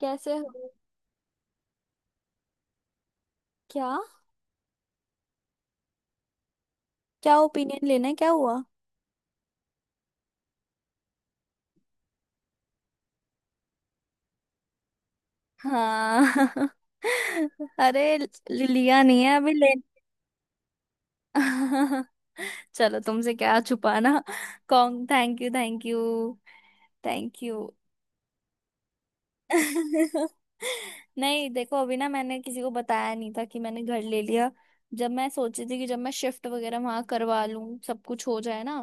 कैसे हो। क्या? क्या ओपिनियन लेना है, क्या हुआ? हाँ। अरे लिया नहीं है, अभी ले। चलो, तुमसे क्या छुपाना। कौन? Thank you, thank you, thank you. नहीं, देखो, अभी ना मैंने किसी को बताया नहीं था कि मैंने घर ले लिया। जब मैं सोची थी कि जब मैं शिफ्ट वगैरह वहां करवा लूं, सब कुछ हो जाए ना।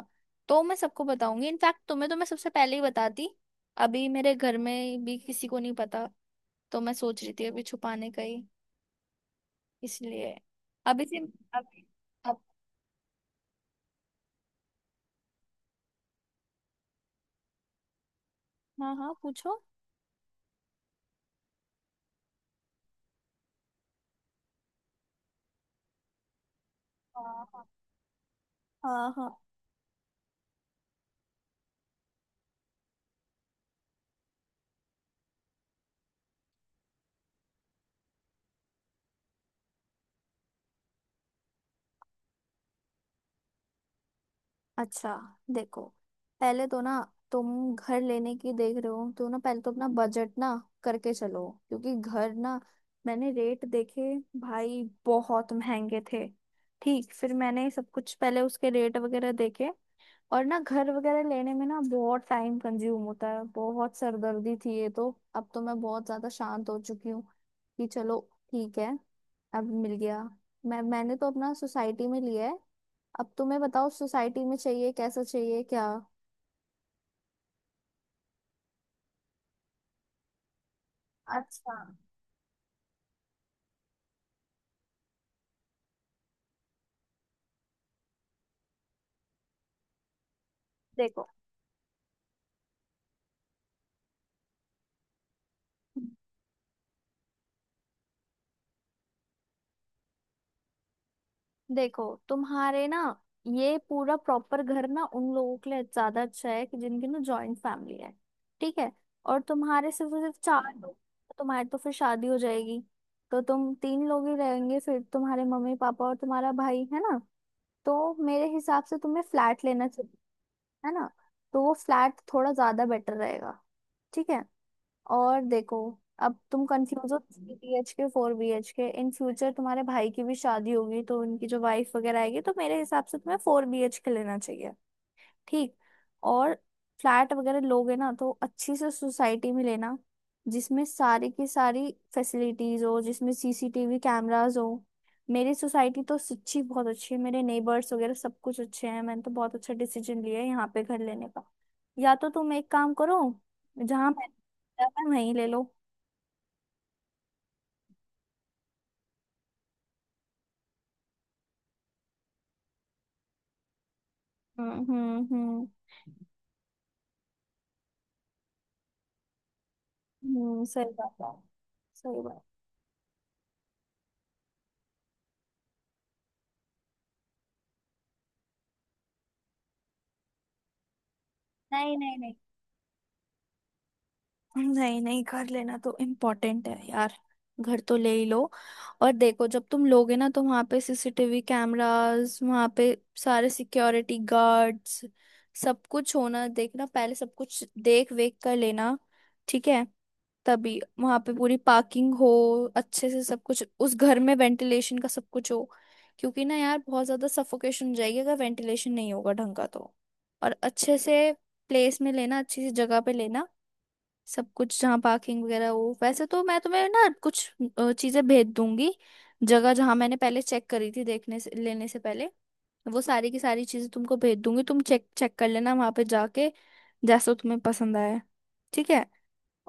तो मैं सबको बताऊंगी, इनफैक्ट तुम्हें तो मैं सबसे पहले ही बताती। अभी मेरे घर में भी किसी को नहीं पता। तो मैं सोच रही थी अभी छुपाने का ही। इसलिए अभी से। अभी। अब। हाँ हाँ, पूछो। हाँ हाँ। हाँ हाँ। अच्छा, देखो। पहले तो ना, तुम घर लेने की देख रहे हो तो ना, पहले तो अपना बजट ना करके चलो, क्योंकि घर ना, मैंने रेट देखे भाई, बहुत महंगे थे। ठीक, फिर मैंने सब कुछ पहले उसके रेट वगैरह देखे। और ना, घर वगैरह लेने में ना बहुत टाइम कंज्यूम होता है, बहुत सरदर्दी थी ये तो। अब तो मैं बहुत ज्यादा शांत हो चुकी हूँ कि चलो, ठीक है, अब मिल गया। मैंने तो अपना सोसाइटी में लिया है। अब तुम्हें बताओ, सोसाइटी में चाहिए, कैसा चाहिए क्या? अच्छा, देखो देखो। तुम्हारे ना, ये पूरा प्रॉपर घर ना उन लोगों के लिए ज्यादा अच्छा है कि जिनकी ना जॉइंट फैमिली है। ठीक है। और तुम्हारे सिर्फ और सिर्फ चार लोग, तो तुम्हारी तो फिर शादी हो जाएगी। तो तुम तीन लोग ही रहेंगे, फिर तुम्हारे मम्मी पापा और तुम्हारा भाई है ना। तो मेरे हिसाब से तुम्हें फ्लैट लेना चाहिए। है ना। तो वो फ्लैट थोड़ा ज्यादा बेटर रहेगा। ठीक है। और देखो, अब तुम कंफ्यूज हो three B H K, four B H K. In future तुम्हारे भाई की भी शादी होगी, तो उनकी जो वाइफ वगैरह आएगी, तो मेरे हिसाब से तुम्हें फोर बी एच के लेना चाहिए। ठीक। और फ्लैट वगैरह लोगे ना, तो अच्छी से सोसाइटी में लेना, जिसमें सारी की सारी फैसिलिटीज हो, जिसमें सीसीटीवी कैमरास हो। मेरी सोसाइटी तो सच्ची बहुत अच्छी है, मेरे नेबर्स वगैरह सब कुछ अच्छे हैं, मैंने तो बहुत अच्छा डिसीजन लिया है यहाँ पे घर लेने का। या तो तुम एक काम करो, जहाँ मैं वहीं ले लो। हम्म। सही बात है। सही बात। नहीं नहीं नहीं। नहीं नहीं, घर लेना तो इम्पोर्टेंट है यार। घर तो ले ही लो। और देखो, जब तुम लोगे ना, तो वहां पे सीसीटीवी कैमरास, वहां पे सारे सिक्योरिटी गार्ड्स, सब कुछ होना, देखना पहले सब कुछ देख वेख कर लेना। ठीक है। तभी वहां पे पूरी पार्किंग हो, अच्छे से सब कुछ, उस घर में वेंटिलेशन का सब कुछ हो। क्योंकि ना यार, बहुत ज्यादा सफोकेशन हो जाएगी अगर वेंटिलेशन नहीं होगा ढंग का तो। और अच्छे से प्लेस में लेना, अच्छी सी जगह पे लेना, सब कुछ जहाँ पार्किंग वगैरह हो। वैसे तो मैं तुम्हें ना कुछ चीजें भेज दूंगी, जगह जहाँ मैंने पहले चेक करी थी देखने से, लेने से पहले। वो सारी की सारी चीजें तुमको भेज दूंगी, तुम चेक चेक कर लेना वहां पे जाके, जैसा तुम्हें पसंद आए। ठीक है।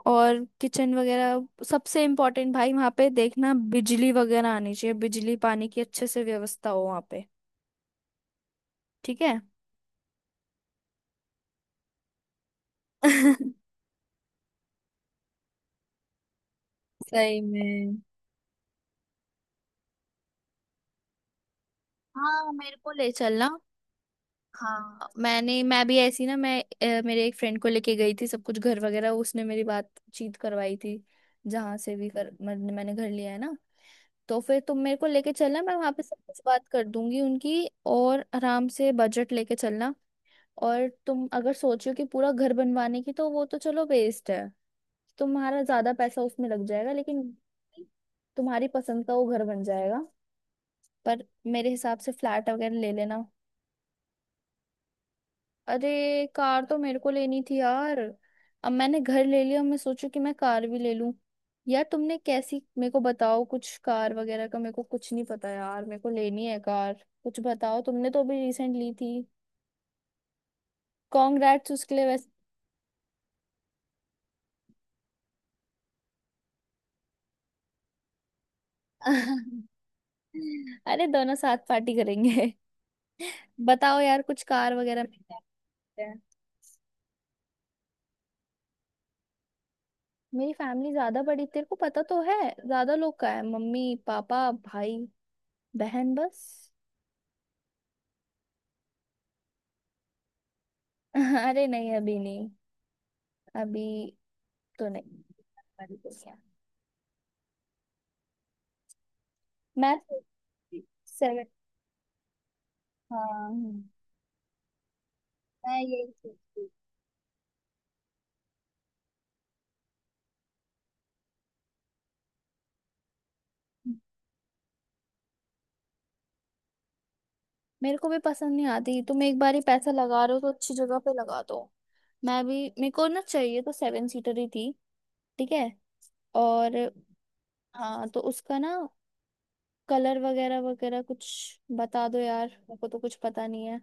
और किचन वगैरह सबसे इम्पोर्टेंट भाई, वहां पे देखना बिजली वगैरह आनी चाहिए, बिजली पानी की अच्छे से व्यवस्था हो वहां पे। ठीक है। सही में। हाँ, मेरे को ले चलना। हाँ, मैं भी ऐसी ना, मैं मेरे एक फ्रेंड को लेके गई थी सब कुछ घर वगैरह, उसने मेरी बातचीत करवाई थी जहाँ से भी कर मैंने मैंने घर लिया है ना। तो फिर तुम मेरे को लेके चलना, मैं वहाँ पे सब कुछ बात कर दूंगी उनकी, और आराम से बजट लेके चलना। और तुम अगर सोचो कि पूरा घर बनवाने की, तो वो तो चलो वेस्ट है। तुम्हारा ज्यादा पैसा उसमें लग जाएगा, लेकिन तुम्हारी पसंद का वो घर बन जाएगा। पर मेरे हिसाब से फ्लैट वगैरह ले लेना। अरे कार तो मेरे को लेनी थी यार। अब मैंने घर ले लिया, मैं सोचू कि मैं कार भी ले लूं। यार तुमने कैसी, मेरे को बताओ कुछ कार वगैरह का, मेरे को कुछ नहीं पता यार, मेरे को लेनी है कार। कुछ बताओ, तुमने तो अभी रिसेंट ली थी। कॉन्ग्रेट्स उसके लिए वैसे। अरे दोनों साथ पार्टी करेंगे। बताओ यार कुछ कार वगैरह मिल जाते हैं। मेरी फैमिली ज्यादा बड़ी, तेरे को पता तो है। ज्यादा लोग का है, मम्मी पापा भाई बहन बस। अरे नहीं, अभी नहीं। अभी तो नहीं। मैं सेवन। हाँ, मैं यही सोचती हूँ। मेरे को भी पसंद नहीं आती, तुम एक बार ही पैसा लगा रहे हो तो अच्छी जगह पे लगा दो। मैं भी, मेरे को ना चाहिए तो सेवन सीटर ही थी। ठीक है। और हाँ, तो उसका ना कलर वगैरह वगैरह कुछ बता दो यार, मेरे को तो कुछ पता नहीं है।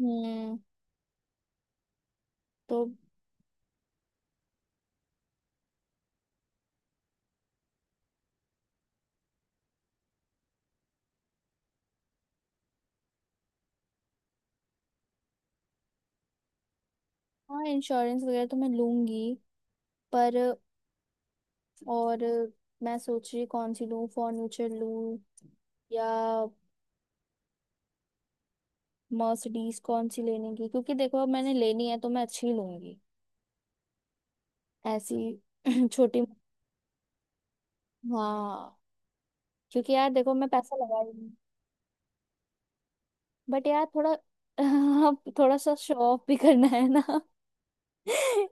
हम्म, तो। हाँ, इंश्योरेंस वगैरह तो मैं लूंगी। पर और मैं सोच रही कौन सी लूँ, फर्नीचर लूँ, या मर्सिडीज कौन सी लेने की, क्योंकि देखो अब मैंने लेनी है तो मैं अच्छी ही लूंगी, ऐसी छोटी। हाँ, क्योंकि यार देखो, मैं पैसा लगा रही हूँ। बट यार थोड़ा, अब थोड़ा सा शो ऑफ भी करना है ना,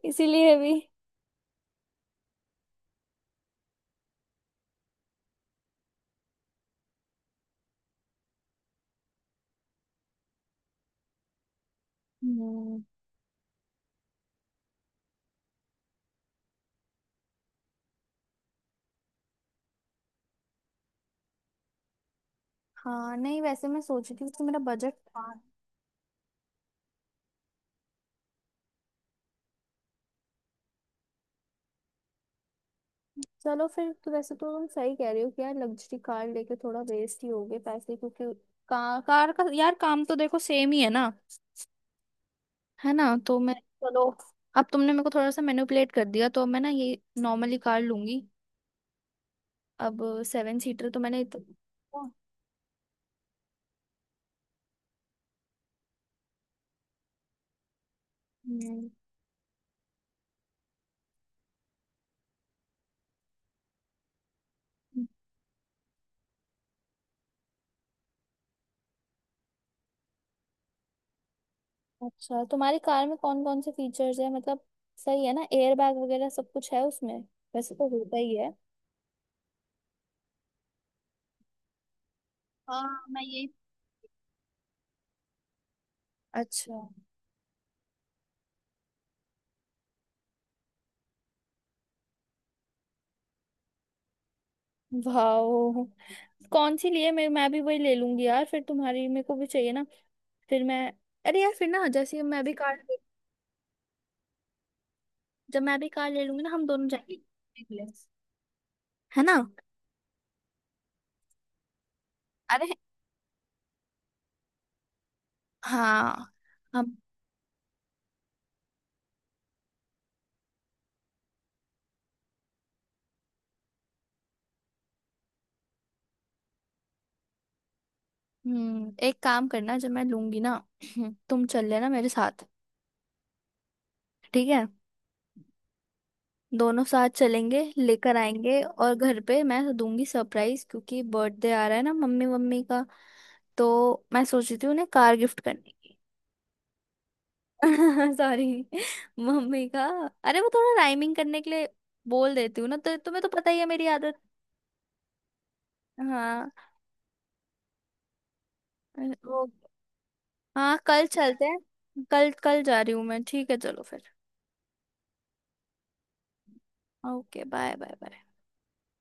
इसीलिए भी। हम्म। हाँ, नहीं, वैसे मैं सोच रही थी कि मेरा बजट था। चलो फिर तो, वैसे तो तुम सही कह रही हो कि यार लग्जरी कार लेके थोड़ा वेस्ट ही हो गए पैसे, क्योंकि कार, कार का यार काम तो देखो सेम ही है ना। है ना, तो मैं, चलो। अब तुमने मेरे को थोड़ा सा मैनिपुलेट कर दिया, तो मैं ना ये नॉर्मली कार लूंगी। अब सेवन सीटर तो मैंने हम्म, अच्छा, तुम्हारी कार में कौन कौन से फीचर्स है मतलब? सही है ना, एयर बैग वगैरह सब कुछ है उसमें, वैसे तो होता ही है। हाँ, मैं ये। अच्छा। वाओ। कौन सी लिए? मैं भी वही ले लूंगी यार, फिर तुम्हारी मेरे को भी चाहिए ना। फिर मैं, अरे यार, फिर ना जैसे मैं भी कार, जब मैं भी कार ले लूंगी ना, हम दोनों जाएंगे घूमने के लिए, है ना। अरे हाँ, हम, हम्म, एक काम करना जब मैं लूंगी ना, तुम चल लेना मेरे साथ, ठीक है। दोनों साथ चलेंगे लेकर आएंगे, और घर पे मैं दूंगी सरप्राइज, क्योंकि बर्थडे आ रहा है ना मम्मी मम्मी का। तो मैं सोच रही थी उन्हें कार गिफ्ट करने की। सॉरी, मम्मी का। अरे वो थोड़ा राइमिंग करने के लिए बोल देती हूँ ना, तो तुम्हें तो पता ही है मेरी आदत। हाँ। ओ, हाँ, कल चलते हैं। कल कल जा रही हूँ मैं, ठीक है, चलो फिर। Okay, bye bye bye.